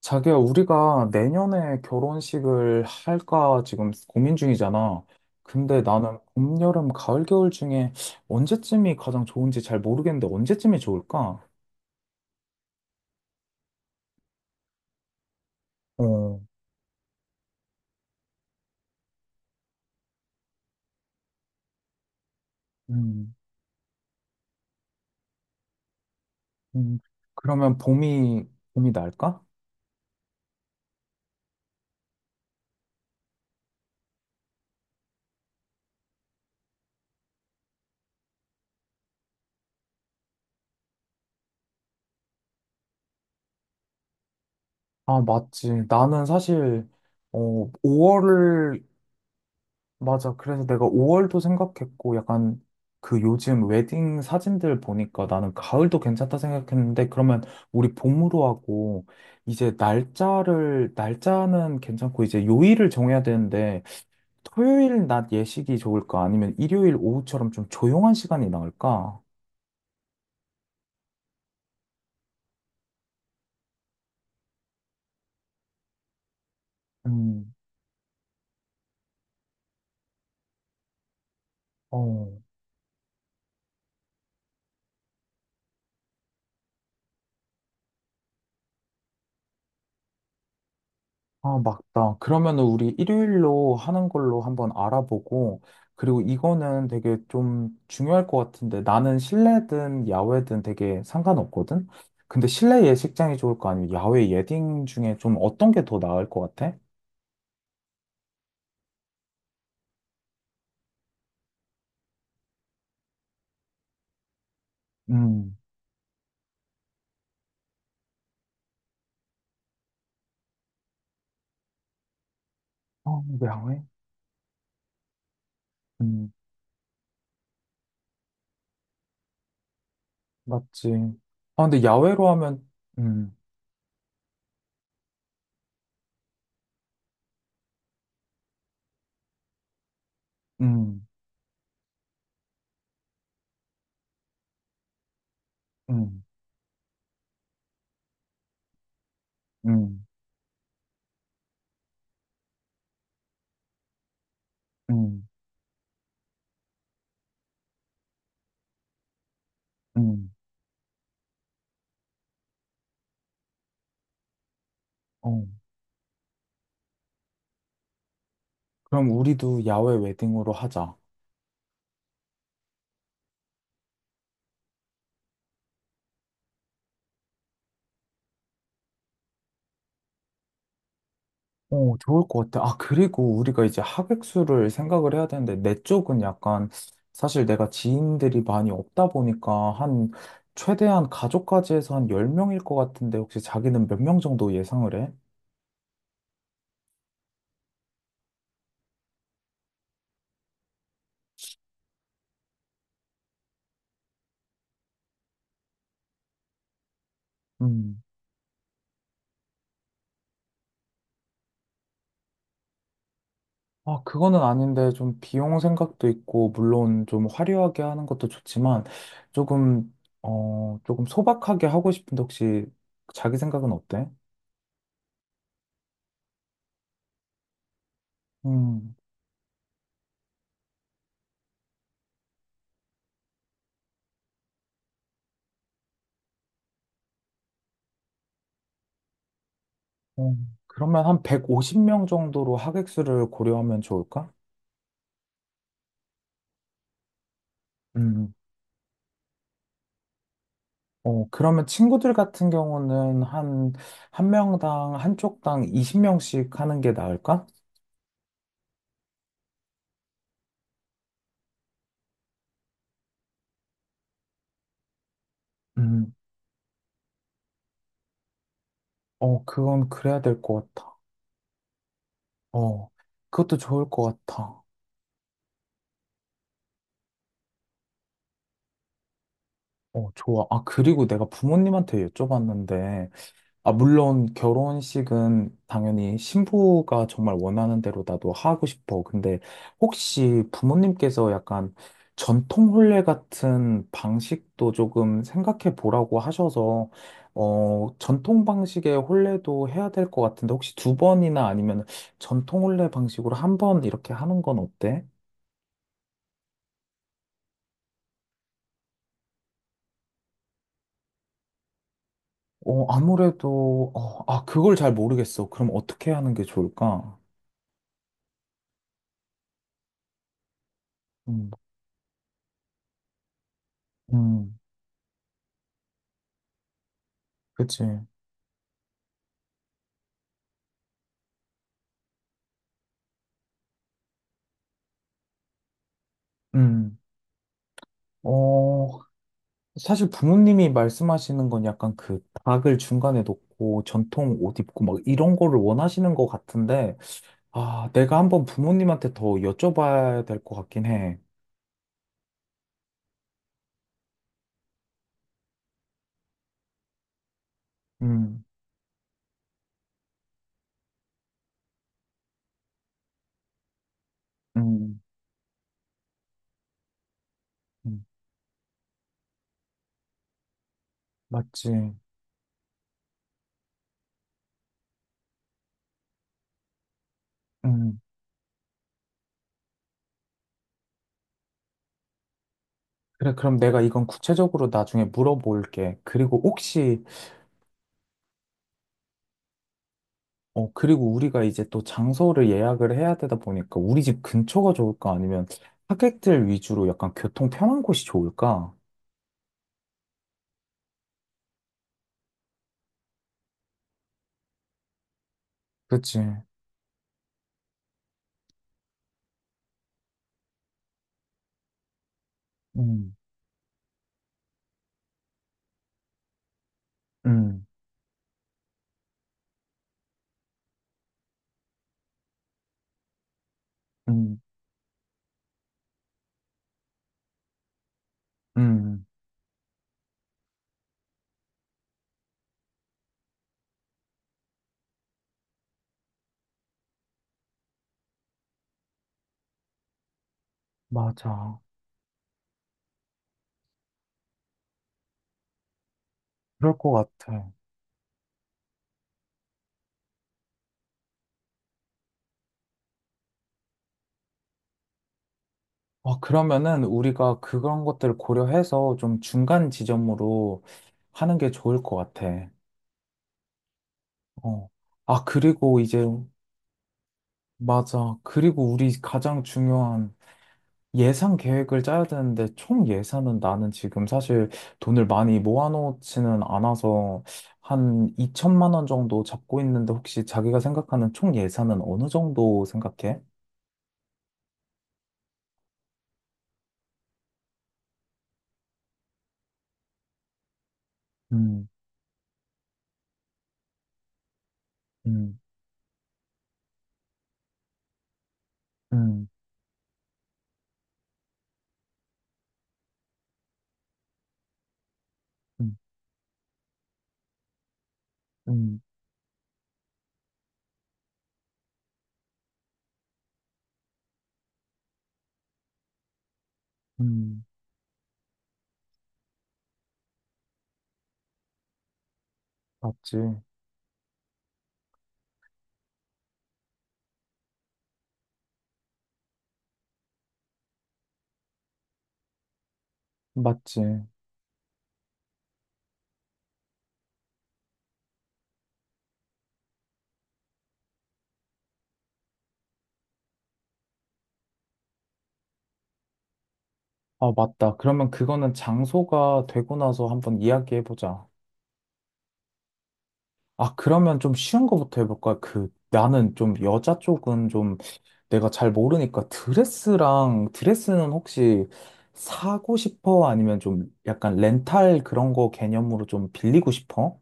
자기야, 우리가 내년에 결혼식을 할까 지금 고민 중이잖아. 근데 나는 봄, 여름, 가을, 겨울 중에 언제쯤이 가장 좋은지 잘 모르겠는데 언제쯤이 좋을까? 어, 음, 음. 그러면 봄이 날까? 아, 맞지. 나는 사실, 어, 5월 맞아. 그래서 내가 5월도 생각했고, 약간 그 요즘 웨딩 사진들 보니까 나는 가을도 괜찮다 생각했는데, 그러면 우리 봄으로 하고, 이제 날짜는 괜찮고, 이제 요일을 정해야 되는데, 토요일 낮 예식이 좋을까? 아니면 일요일 오후처럼 좀 조용한 시간이 나을까? 음, 어. 아, 맞다. 그러면은 우리 일요일로 하는 걸로 한번 알아보고, 그리고 이거는 되게 좀 중요할 것 같은데, 나는 실내든 야외든 되게 상관없거든? 근데 실내 예식장이 좋을 거 아니면 야외 예딩 중에 좀 어떤 게 더 나을 것 같아? 음, 어, 야외? 음, 맞지. 아, 근데 야외로 하면, 음, 음, 음, 음, 음, 음, 어. 그럼 우리도 야외 웨딩으로 하자. 어, 좋을 것 같아. 아, 그리고 우리가 이제 하객수를 생각을 해야 되는데, 내 쪽은 약간, 사실 내가 지인들이 많이 없다 보니까, 한, 최대한 가족까지 해서 한 10명일 것 같은데, 혹시 자기는 몇 명 정도 예상을 해? 음. 아, 그거는 아닌데, 좀 비용 생각도 있고, 물론 좀 화려하게 하는 것도 좋지만, 조금, 어, 조금 소박하게 하고 싶은데, 혹시 자기 생각은 어때? 음. 어, 그러면 한 150명 정도로 하객수를 고려하면 좋을까? 음, 어, 그러면 친구들 같은 경우는 한, 한 명당, 한쪽당 20명씩 하는 게 나을까? 음, 어, 그건 그래야 될 것 같아. 어, 그것도 좋을 것 같아. 어, 좋아. 아, 그리고 내가 부모님한테 여쭤봤는데, 아, 물론 결혼식은 당연히 신부가 정말 원하는 대로 나도 하고 싶어. 근데 혹시 부모님께서 약간 전통 혼례 같은 방식도 조금 생각해 보라고 하셔서, 어, 전통 방식의 혼례도 해야 될 것 같은데 혹시 두 번이나 아니면 전통 혼례 방식으로 한 번 이렇게 하는 건 어때? 어, 아무래도, 어, 아, 그걸 잘 모르겠어. 그럼 어떻게 하는 게 좋을까? 음, 음, 그치. 음. 어, 사실 부모님이 말씀하시는 건 약간 그 닭을 중간에 놓고 전통 옷 입고 막 이런 거를 원하시는 것 같은데, 아, 내가 한번 부모님한테 더 여쭤봐야 될 것 같긴 해. 음, 음, 음, 맞지. 음. 그래, 그럼 내가 이건 구체적으로 나중에 물어볼게. 그리고 혹시, 어, 그리고 우리가 이제 또 장소를 예약을 해야 되다 보니까 우리 집 근처가 좋을까? 아니면 하객들 위주로 약간 교통 편한 곳이 좋을까? 그치. 음, 음. 음. 음, 맞아. 그럴 것 같아. 아, 그러면은 우리가 그런 것들을 고려해서 좀 중간 지점으로 하는 게 좋을 것 같아. 어. 아, 그리고 이제, 맞아. 그리고 우리 가장 중요한 예산 계획을 짜야 되는데 총 예산은 나는 지금 사실 돈을 많이 모아놓지는 않아서 한 2천만 원 정도 잡고 있는데 혹시 자기가 생각하는 총 예산은 어느 정도 생각해? 음, 음, 음, 음, 음. 음, 맞지. 맞지. 아, 맞다. 그러면 그거는 장소가 되고 나서 한번 이야기해보자. 아, 그러면 좀 쉬운 거부터 해볼까? 그, 나는 좀 여자 쪽은 좀 내가 잘 모르니까 드레스는 혹시 사고 싶어? 아니면 좀 약간 렌탈 그런 거 개념으로 좀 빌리고 싶어?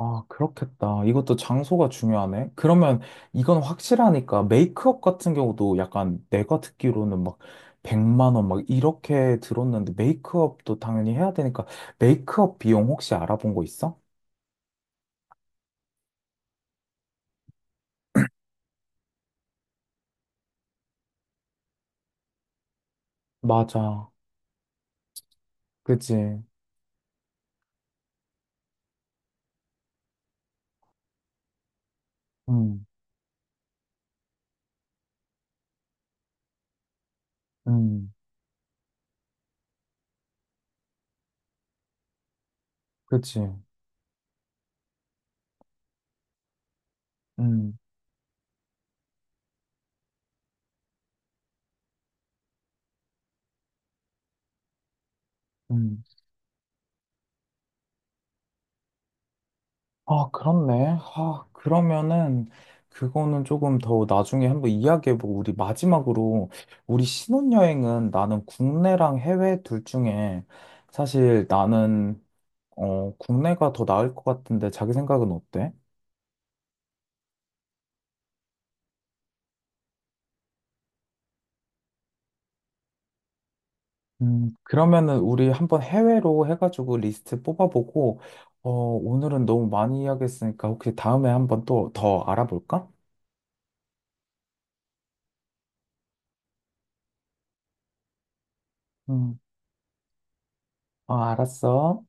아, 그렇겠다. 이것도 장소가 중요하네. 그러면 이건 확실하니까 메이크업 같은 경우도 약간 내가 듣기로는 막 100만 원 막 이렇게 들었는데 메이크업도 당연히 해야 되니까 메이크업 비용 혹시 알아본 거 있어? 맞아. 그치. 음, 음, 그치. 음, 음. 아, 그렇네. 아, 그러면은 그거는 조금 더 나중에 한번 이야기해보고 우리 마지막으로 우리 신혼여행은 나는 국내랑 해외 둘 중에 사실 나는 어, 국내가 더 나을 것 같은데 자기 생각은 어때? 그러면은 우리 한번 해외로 해가지고 리스트 뽑아보고 어, 오늘은 너무 많이 이야기했으니까 혹시 다음에 한번 또 더 알아볼까? 음, 아, 알았어.